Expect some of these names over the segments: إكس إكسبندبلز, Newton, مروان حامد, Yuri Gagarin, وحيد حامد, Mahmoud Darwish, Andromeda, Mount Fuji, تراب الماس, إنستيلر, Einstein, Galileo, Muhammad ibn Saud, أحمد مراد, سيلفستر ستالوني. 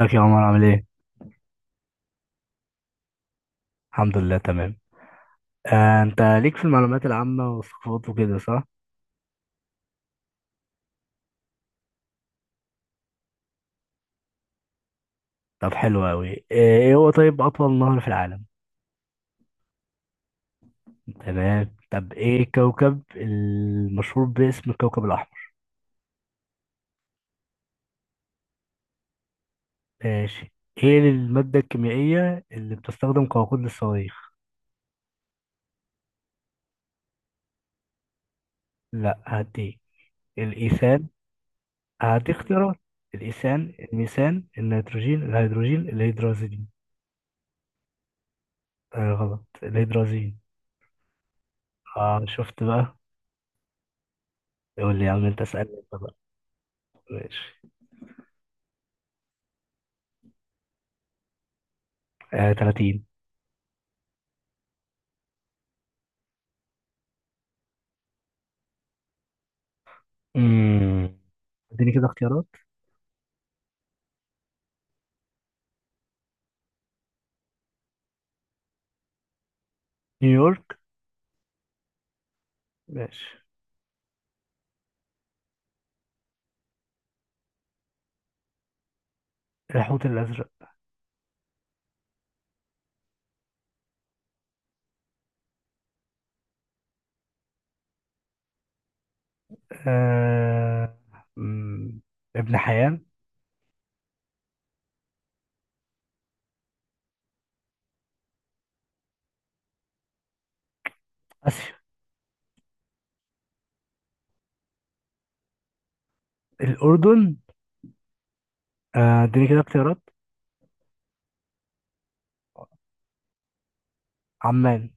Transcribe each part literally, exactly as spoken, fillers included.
ازيك يا عمر؟ عامل ايه؟ الحمد لله تمام. آه، انت ليك في المعلومات العامة والثقافات وكده صح؟ طب حلو اوي. آه، ايه هو، طيب، اطول نهر في العالم؟ تمام. طب ايه الكوكب المشهور باسم الكوكب الاحمر؟ ماشي. ايه المادة الكيميائية اللي بتستخدم كوقود للصواريخ؟ لا، هديك. الايثان. هدي اختيارات: الايثان، الميثان، النيتروجين، الهيدروجين، الهيدرازين. آه غلط، الهيدرازين. اه شفت بقى. يقول لي يا عم انت، اسألني انت بقى. ماشي. آه، ثلاثين. امم اديني كده اختيارات. نيويورك. ماشي. الحوت الازرق. آه... مم، ابن حيان. اسيا. الاردن. آه، اديني كده اختيارات. عمان.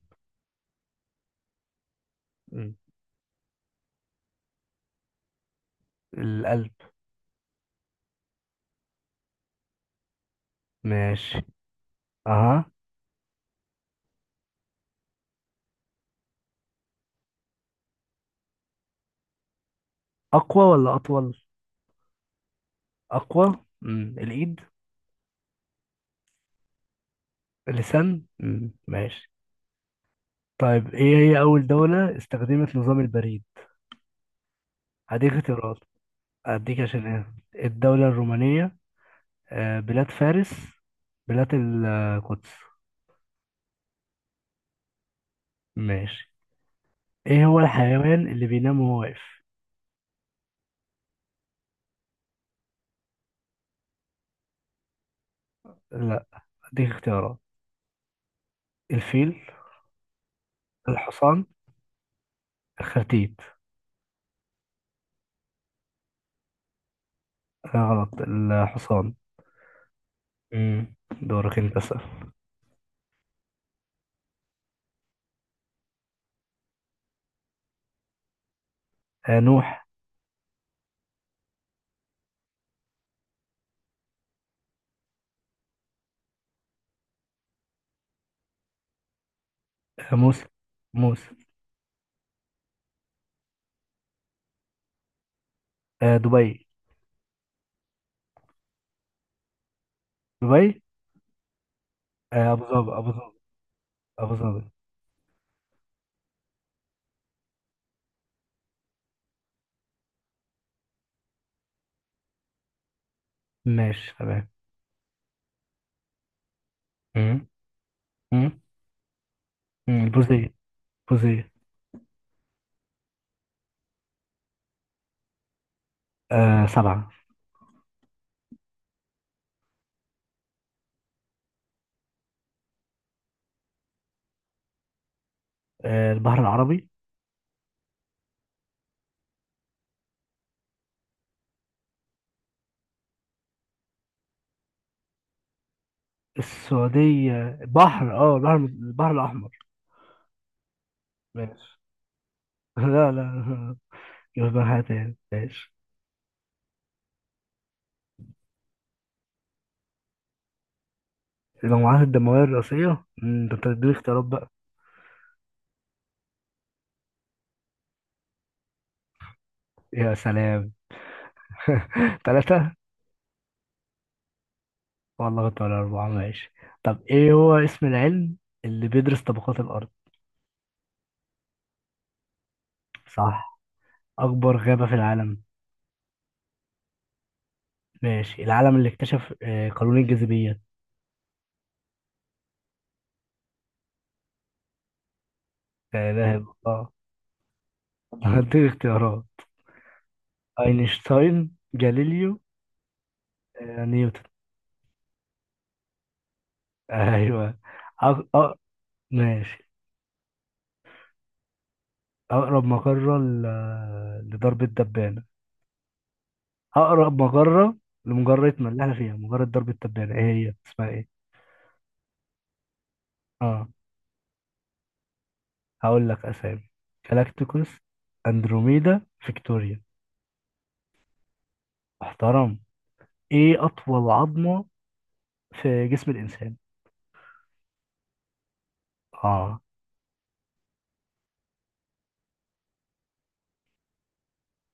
مم، القلب. ماشي. اها. اقوى ولا اطول؟ اقوى. مم. الايد. اللسان. مم. ماشي. طيب ايه هي اول دولة استخدمت نظام البريد؟ هديك اختيارات، اديك عشان. ايه، الدولة الرومانية، آه، بلاد فارس، بلاد القدس. ماشي. ايه هو الحيوان اللي بينام وهو واقف؟ لا. اديك اختيارات: الفيل، الحصان، الخرتيت. لا غلط، الحصان. مم. دورك، انت اسال. آه نوح. آه موسى. موسى. آه دبي. دبي. آه ابو ظبي، ابو ظبي. ابو ظبي. ماشي، تمام. مم. مم. مم. البوزية. بوزية. آه سبعة. آه البحر العربي. السعودية بحر، اه البحر البحر الأحمر. ماشي. لا لا، يبقى حاجة تاني. ماشش. المجموعات الدموية الرئيسية، مم، ده انت تديني اختيارات بقى. يا سلام. ثلاثة. والله كنت، ولا أربعة، ماشي. طب ايه هو اسم العلم اللي بيدرس طبقات الأرض؟ صح. أكبر غابة في العالم؟ ماشي. العالم اللي اكتشف، آه، قانون الجاذبية. آه، ده، اه. هديك اختيارات. أينشتاين، جاليليو، آه، نيوتن. أيوه. أق... أق... ماشي. أقرب مقرة ل... لضرب الدبانة. اقرب مجره لمجرتنا اللي احنا فيها، مجره درب التبانة، ايه هي اسمها ايه؟ اه. هقول لك اسامي: جالاكتيكوس، اندروميدا، فيكتوريا. محترم. ايه اطول عظمه في جسم الانسان؟ اه.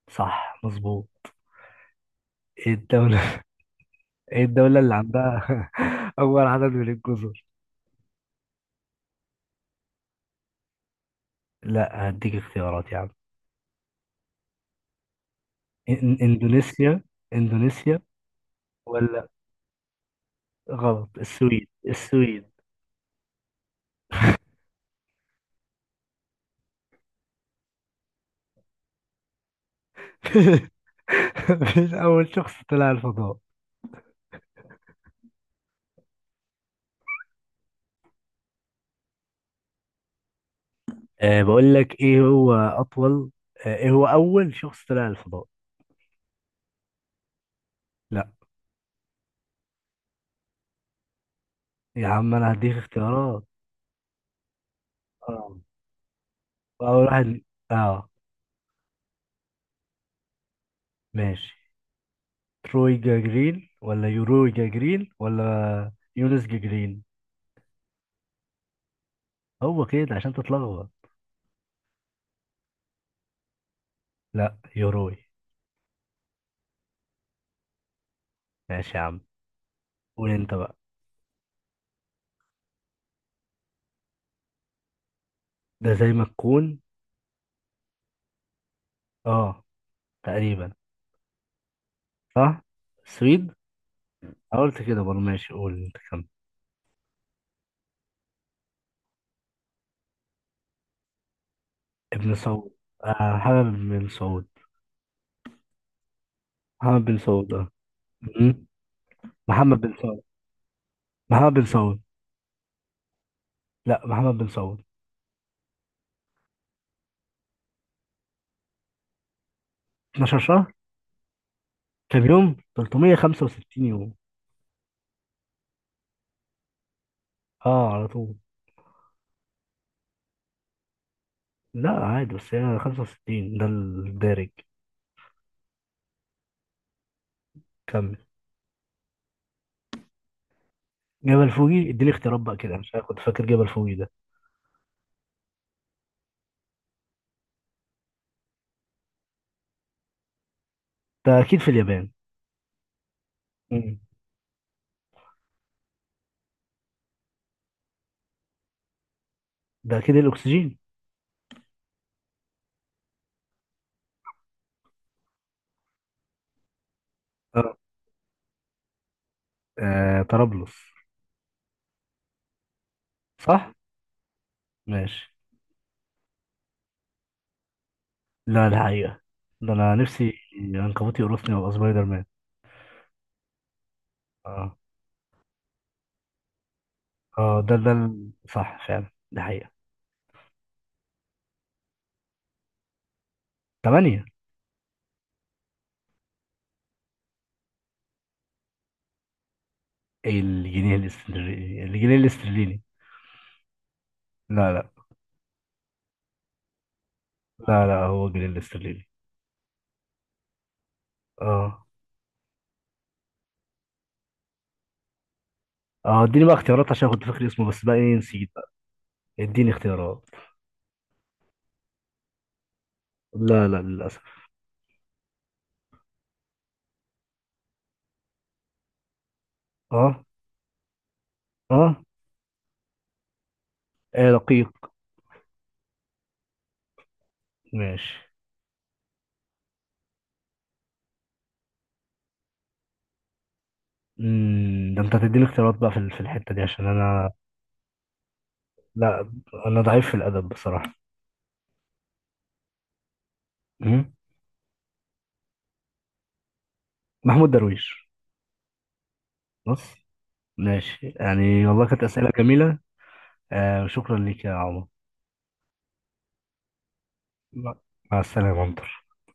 صح مظبوط. ايه الدوله ايه الدوله اللي عندها اول عدد من الجزر؟ لا، هديك اختيارات يا عم. إن- اندونيسيا. اندونيسيا. ولا، غلط، السويد. السويد. مفيش اول شخص طلع الفضاء. أه بقول لك ايه هو اطول، أه ايه هو اول شخص طلع الفضاء؟ لا يا عم، انا هديك اختيارات. اه اول واحد. اه. ماشي. تروي جاجرين، ولا يوروي جاجرين، ولا يونس جاجرين. هو كده عشان تتلخبط. لا، يوروي. ماشي يا عم. قول انت بقى. ده زي ما تكون. اه. تقريبا. صح. سويد. قلت كده برضه. ماشي، قول انت كمل. ابن سعود. آه محمد بن سعود. محمد بن سعود، اه. م- محمد بن سعود. محمد بن سعود. لا، محمد بن سعود. اثنا عشر شهر. كام يوم؟ ثلاثمية وخمسة وستين يوم. اه على طول. لا عادي، بس هي خمسة وستين، ده الدارج. كمل. جبل فوجي، اديني اختيارات بقى، كده مش عارف، كنت فاكر جبل فوجي ده. ده اكيد في اليابان. مم. ده اكيد الاكسجين. اه. آه، طرابلس. صح. ماشي. لا الحقيقة، ده انا نفسي عنكبوت يقرصني وابقى سبايدر مان. اه. اه، ده ده ال- صح فعلا، ده حقيقة. ثمانية. الجنيه الاسترليني، الجنيه الاسترليني. لا لا. لا لا، هو جنيه الاسترليني. اه. اه اديني بقى اختيارات عشان كنت فاكر اسمه، بس بقى ايه، نسيت بقى. اديني اختيارات. لا لا، للاسف. اه. اه. ايه، رقيق. ماشي. امم، ده انت هتديني اختيارات بقى في ال- في الحته دي عشان انا، لا، انا ضعيف في الادب بصراحه. مم. محمود درويش. بص، ماشي يعني، والله كانت اسئله جميله. آه شكرا ليك يا عمر. مع مع السلامه يا عمر.